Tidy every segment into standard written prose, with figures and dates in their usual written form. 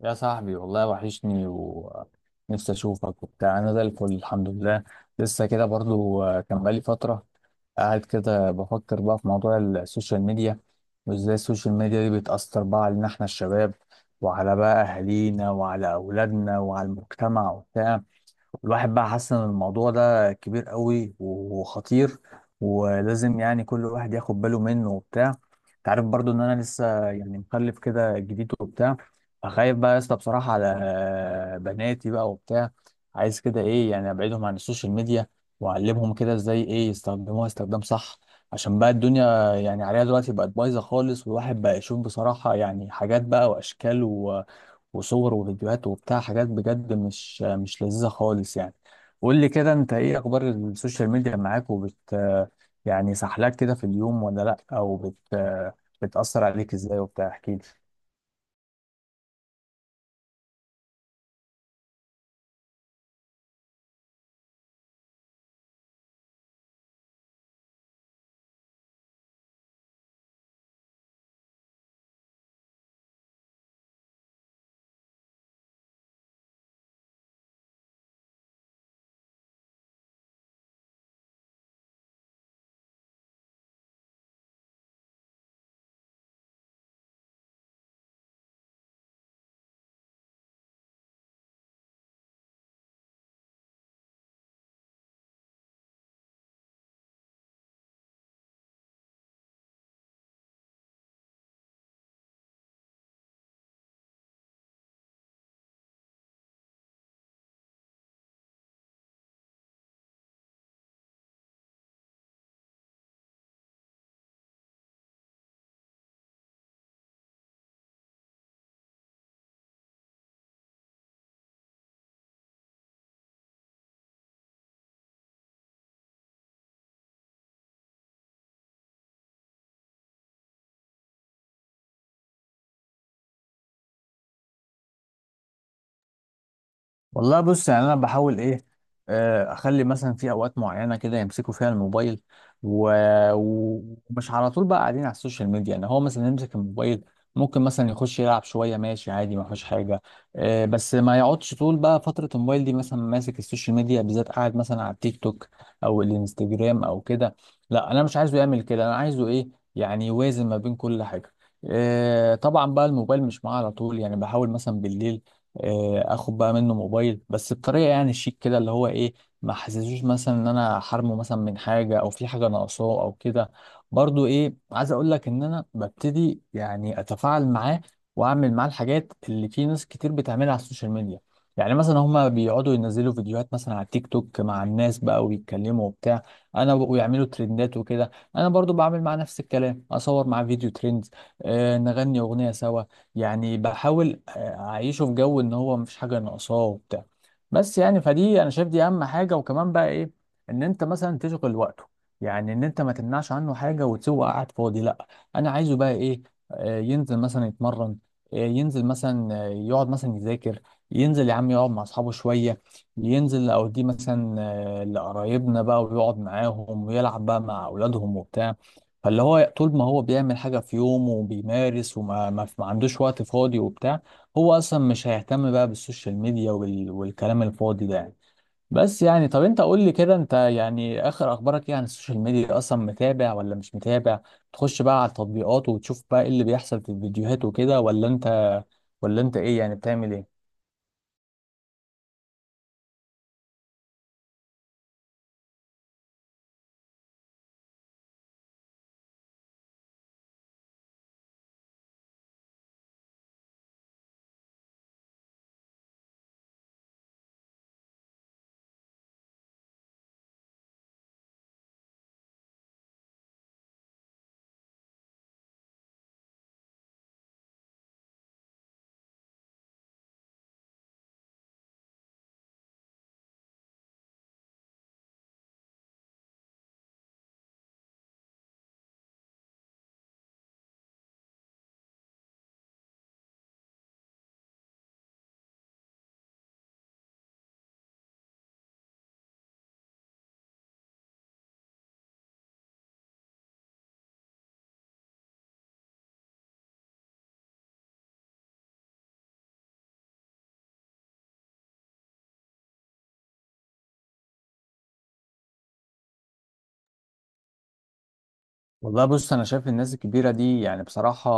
يا صاحبي والله وحشني ونفسي اشوفك وبتاع، انا زي الفل، الحمد لله. لسه كده برضو، كان بقالي فتره قاعد كده بفكر بقى في موضوع السوشيال ميديا، وازاي السوشيال ميديا دي بتاثر بقى علينا احنا الشباب، وعلى بقى اهالينا وعلى اولادنا وعلى المجتمع وبتاع. الواحد بقى حاسس ان الموضوع ده كبير قوي وخطير، ولازم يعني كل واحد ياخد باله منه وبتاع. انت عارف برضو ان انا لسه يعني مخلف كده جديد وبتاع، فخايف بقى يا اسطى بصراحة على بناتي بقى وبتاع. عايز كده ايه يعني ابعدهم عن السوشيال ميديا، واعلمهم كده ازاي ايه يستخدموها استخدام صح، عشان بقى الدنيا يعني عليها دلوقتي بقت بايظة خالص، والواحد بقى يشوف بصراحة يعني حاجات بقى واشكال وصور وفيديوهات وبتاع، حاجات بجد مش لذيذة خالص يعني. قول لي كده انت ايه اخبار السوشيال ميديا معاك، وبت يعني سحلاك كده في اليوم ولا لا، او بت بتأثر عليك ازاي وبتاع، احكي لي. والله بص، يعني انا بحاول ايه، اخلي مثلا في اوقات معينه كده يمسكوا فيها الموبايل، و... ومش على طول بقى قاعدين على السوشيال ميديا. يعني هو مثلا يمسك الموبايل ممكن مثلا يخش يلعب شويه، ماشي عادي ما فيش حاجه. بس ما يقعدش طول بقى فتره الموبايل دي مثلا ماسك السوشيال ميديا بالذات، قاعد مثلا على التيك توك او الانستجرام او كده. لا، انا مش عايزه يعمل كده، انا عايزه ايه يعني يوازن ما بين كل حاجه. طبعا بقى الموبايل مش معاه على طول، يعني بحاول مثلا بالليل اخد بقى منه موبايل، بس بطريقه يعني شيك كده، اللي هو ايه، ما حسسوش مثلا ان انا حرمه مثلا من حاجه او في حاجه ناقصاه او كده. برضو ايه عايز اقول لك ان انا ببتدي يعني اتفاعل معاه، واعمل معاه الحاجات اللي في ناس كتير بتعملها على السوشيال ميديا. يعني مثلا هما بيقعدوا ينزلوا فيديوهات مثلا على التيك توك مع الناس بقى ويتكلموا وبتاع، انا ويعملوا ترندات وكده. انا برضو بعمل مع نفس الكلام، اصور مع فيديو ترند، نغني اغنيه سوا. يعني بحاول اعيشه في جو ان هو مفيش حاجه ناقصاه وبتاع. بس يعني فدي انا شايف دي اهم حاجه، وكمان بقى ايه، ان انت مثلا تشغل وقته. يعني ان انت ما تمنعش عنه حاجه وتسيبه قاعد فاضي، لا، انا عايزه بقى ايه، ينزل مثلا يتمرن، ينزل مثلا، يقعد مثلا يذاكر، ينزل يا عم يقعد مع اصحابه شويه، ينزل او دي مثلا لقرايبنا بقى ويقعد معاهم ويلعب بقى مع اولادهم وبتاع. فاللي هو طول ما هو بيعمل حاجه في يومه وبيمارس وما ما ما عندوش وقت فاضي وبتاع، هو اصلا مش هيهتم بقى بالسوشيال ميديا والكلام الفاضي ده يعني. بس يعني طب انت قول لي كده، انت يعني اخر اخبارك ايه عن السوشيال ميديا؟ اصلا متابع ولا مش متابع؟ تخش بقى على التطبيقات وتشوف بقى ايه اللي بيحصل في الفيديوهات وكده، ولا انت ايه يعني بتعمل ايه؟ والله بص، انا شايف الناس الكبيره دي يعني بصراحه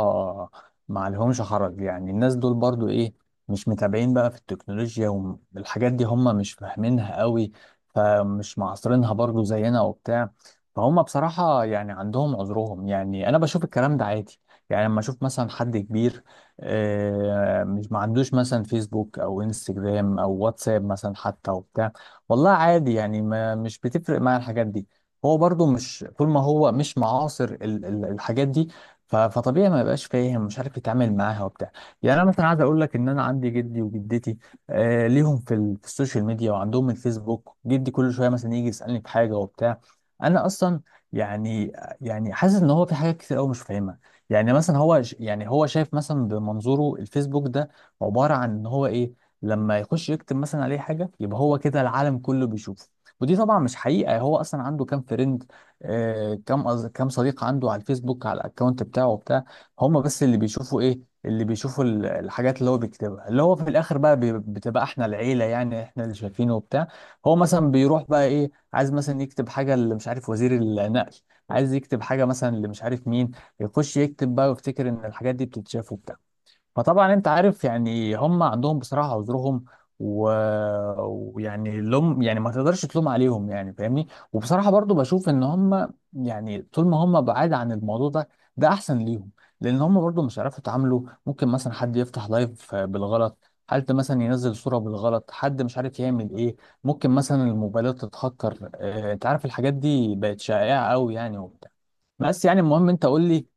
ما عليهمش حرج. يعني الناس دول برضو ايه، مش متابعين بقى في التكنولوجيا، والحاجات دي هم مش فاهمينها قوي، فمش معاصرينها برضو زينا وبتاع. فهم بصراحه يعني عندهم عذرهم، يعني انا بشوف الكلام ده عادي. يعني لما اشوف مثلا حد كبير مش ما عندوش مثلا فيسبوك او انستجرام او واتساب مثلا حتى وبتاع، والله عادي يعني، ما مش بتفرق معايا الحاجات دي. هو برضه مش، طول ما هو مش معاصر الحاجات دي، فطبيعي ما يبقاش فاهم، مش عارف يتعامل معاها وبتاع. يعني انا مثلا عايز اقول لك ان انا عندي جدي وجدتي، ليهم في السوشيال ميديا وعندهم الفيسبوك. جدي كل شويه مثلا يجي يسالني في حاجه وبتاع. انا اصلا يعني يعني حاسس ان هو في حاجات كتير قوي مش فاهمها. يعني مثلا يعني هو شايف مثلا بمنظوره الفيسبوك ده عباره عن ان هو ايه، لما يخش يكتب مثلا عليه حاجه يبقى هو كده العالم كله بيشوفه. ودي طبعا مش حقيقة. هو أصلا عنده كام فريند، كام صديق عنده على الفيسبوك على الأكونت بتاعه وبتاع. هم بس اللي بيشوفوا إيه، اللي بيشوفوا الحاجات اللي هو بيكتبها، اللي هو في الآخر بقى بتبقى إحنا العيلة، يعني إحنا اللي شايفينه وبتاع. هو مثلا بيروح بقى إيه عايز مثلا يكتب حاجة اللي مش عارف وزير النقل، عايز يكتب حاجة مثلا اللي مش عارف مين، يخش يكتب بقى ويفتكر إن الحاجات دي بتتشاف وبتاع. فطبعا انت عارف يعني هم عندهم بصراحه عذرهم، و... ويعني لوم، يعني ما تقدرش تلوم عليهم يعني، فاهمني. وبصراحه برضو بشوف ان هم يعني طول ما هم بعاد عن الموضوع ده، ده احسن ليهم، لان هم برضو مش عارفوا يتعاملوا. ممكن مثلا حد يفتح لايف بالغلط، حد مثلا ينزل صوره بالغلط، حد مش عارف يعمل ايه، ممكن مثلا الموبايلات تتهكر. انت عارف الحاجات دي بقت شائعه قوي يعني وبتاع. بس يعني المهم انت قول لي.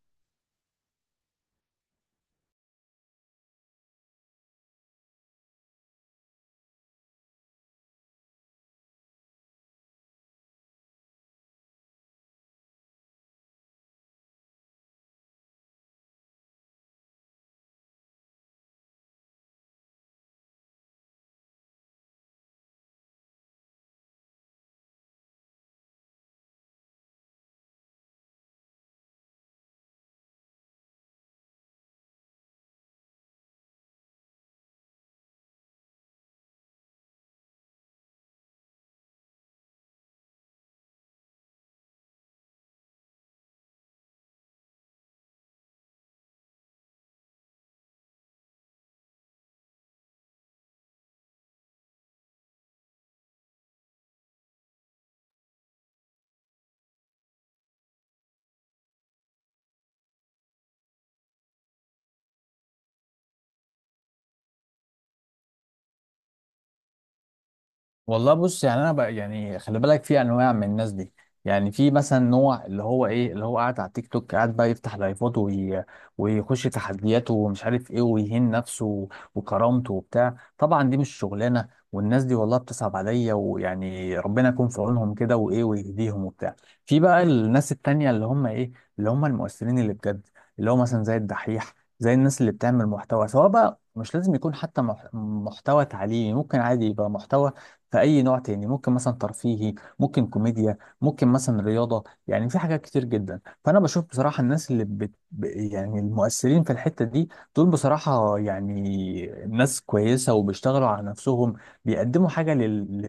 والله بص، يعني انا بقى يعني خلي بالك في انواع من الناس دي. يعني في مثلا نوع اللي هو ايه، اللي هو قاعد على التيك توك، قاعد بقى يفتح لايفات ويخش تحديات ومش عارف ايه، ويهين نفسه وكرامته وبتاع. طبعا دي مش شغلانه، والناس دي والله بتصعب عليا، ويعني ربنا يكون في عونهم كده وايه ويهديهم وبتاع. في بقى الناس التانية اللي هم ايه، اللي هم المؤثرين اللي بجد، اللي هو مثلا زي الدحيح، زي الناس اللي بتعمل محتوى، سواء بقى مش لازم يكون حتى محتوى تعليمي، ممكن عادي يبقى محتوى في اي نوع تاني، ممكن مثلا ترفيهي، ممكن كوميديا، ممكن مثلا رياضه، يعني في حاجات كتير جدا. فانا بشوف بصراحه الناس اللي يعني المؤثرين في الحته دي، دول بصراحه يعني ناس كويسه وبيشتغلوا على نفسهم، بيقدموا حاجه لل...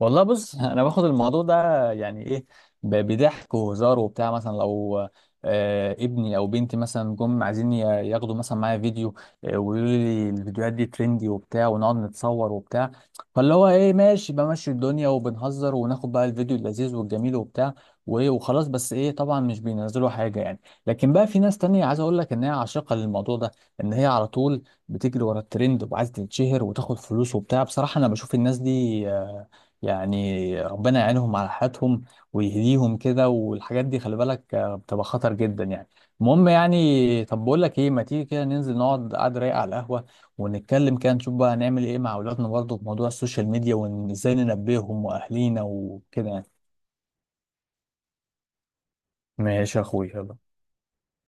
والله بص، انا باخد الموضوع ده يعني ايه، بضحك وهزار وبتاع، مثلا لو ابني او بنتي مثلا جم عايزين ياخدوا مثلا معايا فيديو، ويقولوا لي الفيديوهات دي ترندي وبتاع، ونقعد نتصور وبتاع، فاللي هو ايه ماشي بمشي الدنيا وبنهزر وناخد بقى الفيديو اللذيذ والجميل وبتاع، وايه وخلاص. بس ايه طبعا مش بينزلوا حاجه يعني. لكن بقى في ناس تانية عايز اقول لك ان هي عاشقه للموضوع ده، ان هي على طول بتجري ورا الترند وعايزه تتشهر وتاخد فلوس وبتاع. بصراحه انا بشوف الناس دي، يعني ربنا يعينهم على حياتهم ويهديهم كده. والحاجات دي خلي بالك بتبقى خطر جدا يعني. المهم يعني، طب بقول لك ايه، ما تيجي كده ننزل نقعد قعدة رايقة على القهوة، ونتكلم كده نشوف بقى هنعمل ايه مع اولادنا برضه في موضوع السوشيال ميديا وازاي ننبههم واهلينا وكده يعني. ماشي يا اخويا، يلا.